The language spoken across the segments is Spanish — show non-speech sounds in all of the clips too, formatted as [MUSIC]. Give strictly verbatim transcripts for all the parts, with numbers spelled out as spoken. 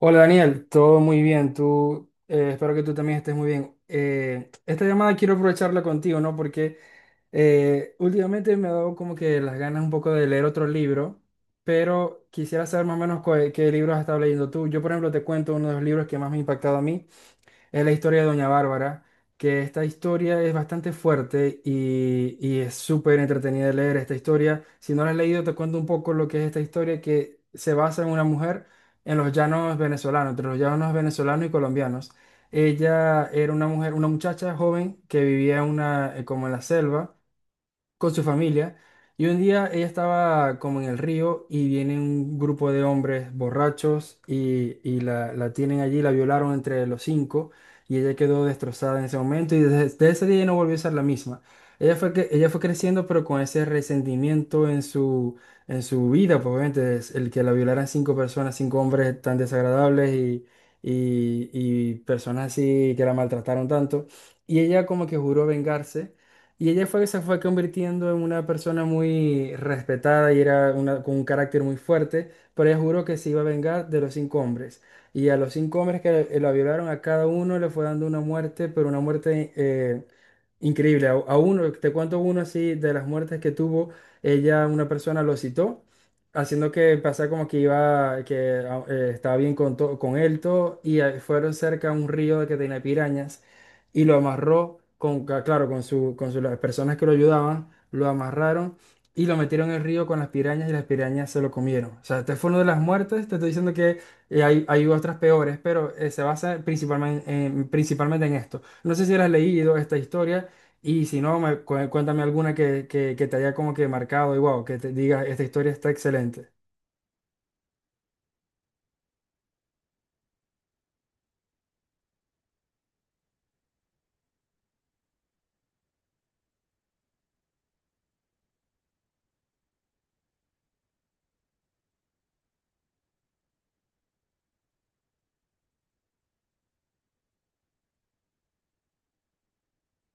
Hola Daniel, todo muy bien. Tú, eh, espero que tú también estés muy bien. Eh, esta llamada quiero aprovecharla contigo, ¿no? Porque eh, últimamente me ha dado como que las ganas un poco de leer otro libro, pero quisiera saber más o menos cuál- qué libros has estado leyendo tú. Yo, por ejemplo, te cuento uno de los libros que más me ha impactado a mí es la historia de Doña Bárbara, que esta historia es bastante fuerte y, y es súper entretenida de leer esta historia. Si no la has leído, te cuento un poco lo que es esta historia, que se basa en una mujer en los llanos venezolanos, entre los llanos venezolanos y colombianos. Ella era una mujer, una muchacha joven que vivía en una, eh, como en la selva con su familia, y un día ella estaba como en el río y viene un grupo de hombres borrachos y, y la, la tienen allí, la violaron entre los cinco, y ella quedó destrozada en ese momento, y desde, desde ese día ella no volvió a ser la misma. Ella fue, que, ella fue creciendo pero con ese resentimiento en su, en su vida, pues obviamente es el que la violaran cinco personas, cinco hombres tan desagradables y, y, y personas así que la maltrataron tanto. Y ella como que juró vengarse, y ella fue, se fue convirtiendo en una persona muy respetada y era una, con un carácter muy fuerte, pero ella juró que se iba a vengar de los cinco hombres. Y a los cinco hombres que eh, la violaron, a cada uno le fue dando una muerte, pero una muerte eh, increíble. A, a uno, te cuento uno así, de las muertes que tuvo, ella, una persona lo citó, haciendo que pasara como que iba, que ah, eh, estaba bien con, to- con él todo, y eh, fueron cerca a un río que tenía pirañas, y lo amarró con, ca- claro, con su, con su- las personas que lo ayudaban, lo amarraron y lo metieron en el río con las pirañas, y las pirañas se lo comieron. O sea, este fue uno de las muertes, te estoy diciendo que eh, hay, hay otras peores, pero eh, se basa principalmente en, principalmente en esto. No sé si has leído esta historia, y si no, me, cu- cuéntame alguna que, que, que te haya como que marcado y wow, que te diga, esta historia está excelente.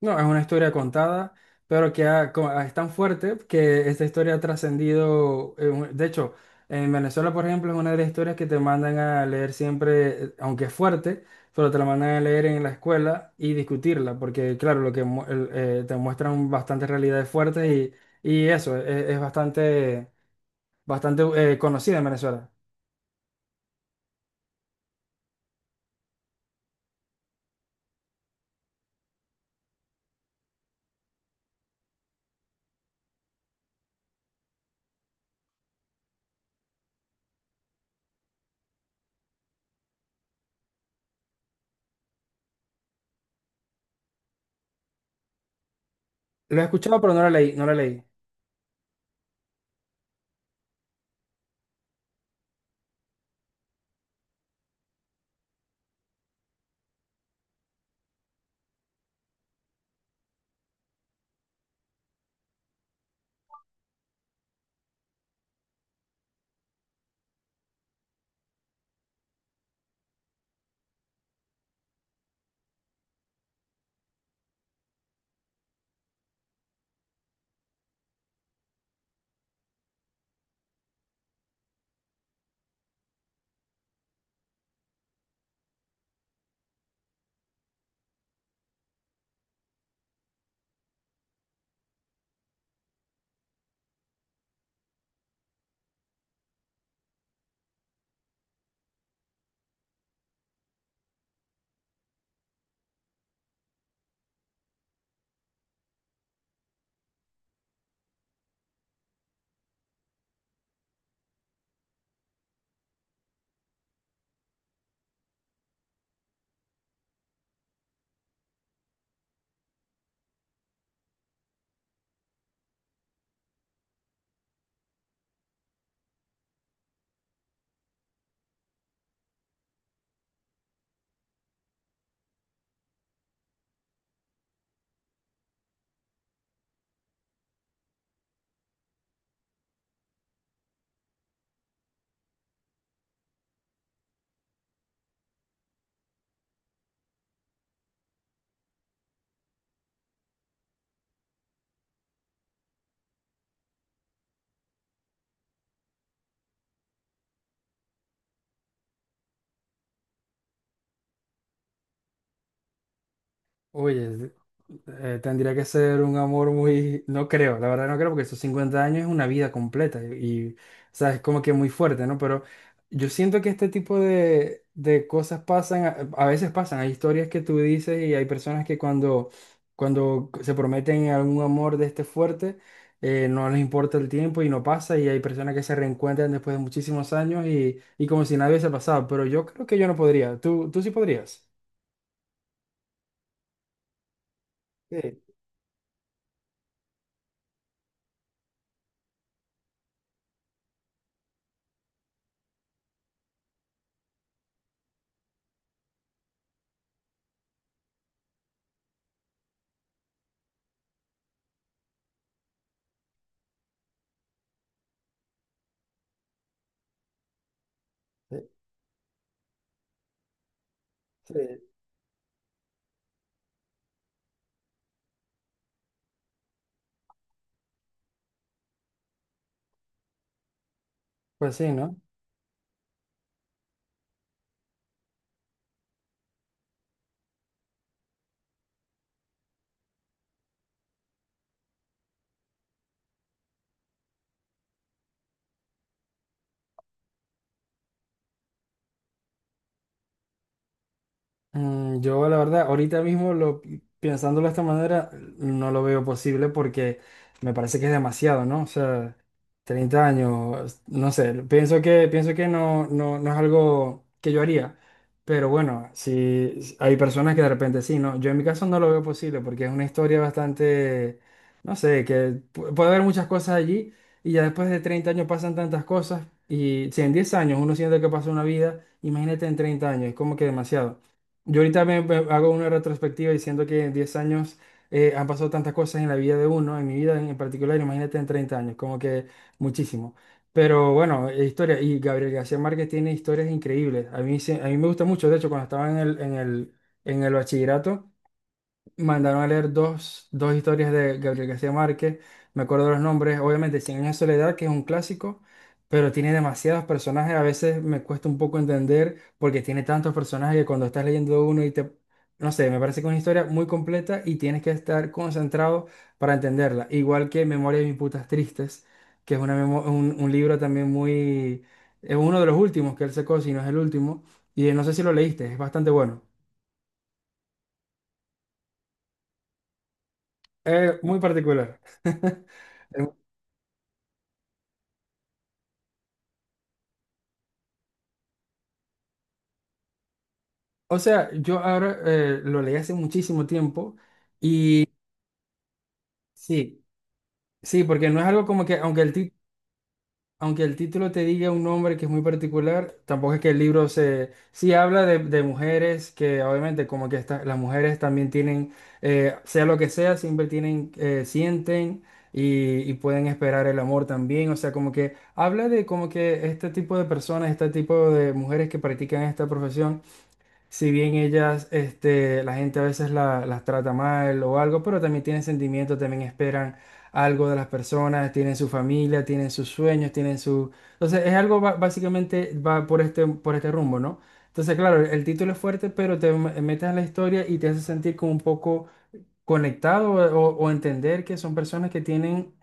No, es una historia contada, pero que ha- co- es tan fuerte que esta historia ha trascendido. eh, un- De hecho, en Venezuela, por ejemplo, es una de las historias que te mandan a leer siempre, eh, aunque es fuerte, pero te la mandan a leer en la escuela y discutirla, porque claro, lo que mu- el- eh, te muestran bastantes realidades fuertes, y, y eso es, es bastante, bastante eh, conocida en Venezuela. Lo he escuchado, pero no la leí, no la leí. Oye, Eh, tendría que ser un amor muy, no creo, la verdad no creo, porque esos cincuenta años es una vida completa y, y, o sea, es como que muy fuerte, ¿no? Pero yo siento que este tipo de, de cosas pasan, a, a veces pasan, hay historias que tú dices y hay personas que cuando, cuando se prometen algún amor de este fuerte, eh, no les importa el tiempo y no pasa, y hay personas que se reencuentran después de muchísimos años y, y como si nada hubiese pasado, pero yo creo que yo no podría, tú, ¿tú sí podrías? Sí, sí, sí. Pues sí, ¿no? Mm, yo la verdad, ahorita mismo lo, pensándolo de esta manera, no lo veo posible, porque me parece que es demasiado, ¿no? O sea, treinta años, no sé, pienso que, pienso que no, no, no es algo que yo haría. Pero bueno, si hay personas que de repente sí, ¿no? Yo en mi caso no lo veo posible, porque es una historia bastante, no sé, que pu- puede haber muchas cosas allí, y ya después de treinta años pasan tantas cosas, y si en diez años uno siente que pasó una vida, imagínate en treinta años, es como que demasiado. Yo ahorita me, me hago una retrospectiva diciendo que en diez años eh, han pasado tantas cosas en la vida de uno, en mi vida en particular, imagínate en treinta años, como que muchísimo. Pero bueno, eh, historia, y Gabriel García Márquez tiene historias increíbles. A mí, se- a mí me gusta mucho, de hecho, cuando estaba en el, en el, en el bachillerato, mandaron a leer dos, dos historias de Gabriel García Márquez, me acuerdo los nombres, obviamente Cien años de soledad, que es un clásico, pero tiene demasiados personajes, a veces me cuesta un poco entender porque tiene tantos personajes que cuando estás leyendo uno y te, no sé, me parece que es una historia muy completa y tienes que estar concentrado para entenderla, igual que Memoria de mis putas tristes, que es una memo- un, un libro también muy, es uno de los últimos que él sacó, si no es el último, y eh, no sé si lo leíste, es bastante bueno, es muy particular. [LAUGHS] O sea, yo ahora eh, lo leí hace muchísimo tiempo, y sí, sí, porque no es algo como que, aunque el, ti- aunque el título te diga un nombre que es muy particular, tampoco es que el libro se... Sí habla de, de mujeres que obviamente como que esta- las mujeres también tienen, eh, sea lo que sea, siempre tienen, eh, sienten y, y pueden esperar el amor también. O sea, como que habla de como que este tipo de personas, este tipo de mujeres que practican esta profesión. Si bien ellas, este, la gente a veces la- las trata mal o algo, pero también tienen sentimientos, también esperan algo de las personas, tienen su familia, tienen sus sueños, tienen su... Entonces es algo ba- básicamente va por este, por este rumbo, ¿no? Entonces, claro, el, título es fuerte, pero te m- metes en la historia y te hace sentir como un poco conectado, o, o entender que son personas que tienen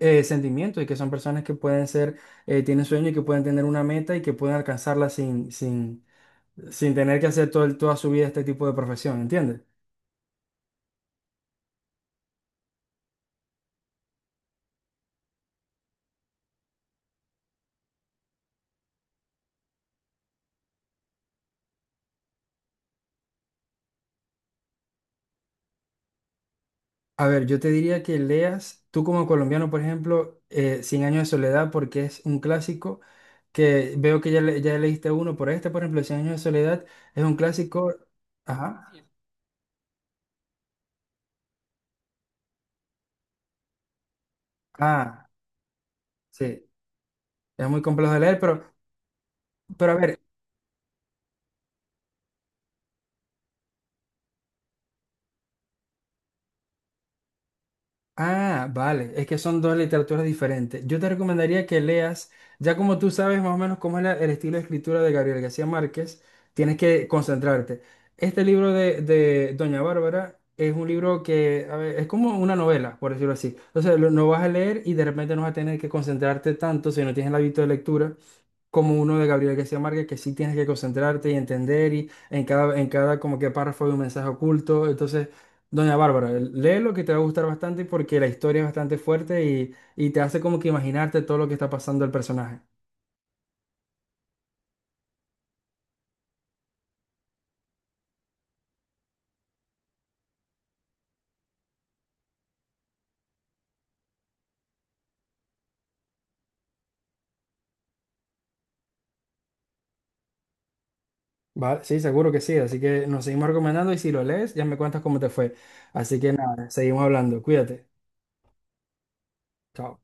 eh, sentimientos, y que son personas que pueden ser, eh, tienen sueños, y que pueden tener una meta y que pueden alcanzarla sin tener que hacer todo, el- toda su vida este tipo de profesión, ¿entiendes? A ver, yo te diría que leas, tú como colombiano, por ejemplo, eh, Cien años de soledad, porque es un clásico, que veo que ya, le- ya leíste uno, por este, por ejemplo, Cien años de soledad es un clásico, ajá, ah, sí, es muy complejo de leer, pero, pero a ver, ah, vale, es que son dos literaturas diferentes. Yo te recomendaría que leas, ya como tú sabes más o menos cómo es la- el estilo de escritura de Gabriel García Márquez, tienes que concentrarte. Este libro de, de Doña Bárbara es un libro que, a ver, es como una novela, por decirlo así. Entonces, lo, no vas a leer y de repente no vas a tener que concentrarte tanto si no tienes el hábito de lectura como uno de Gabriel García Márquez, que sí tienes que concentrarte y entender, y en cada, en cada como que párrafo hay un mensaje oculto. Entonces, Doña Bárbara, lee lo que te va a gustar bastante, porque la historia es bastante fuerte, y, y te hace como que imaginarte todo lo que está pasando el personaje. Vale, sí, seguro que sí. Así que nos seguimos recomendando, y si lo lees, ya me cuentas cómo te fue. Así que nada, seguimos hablando. Cuídate. Chao.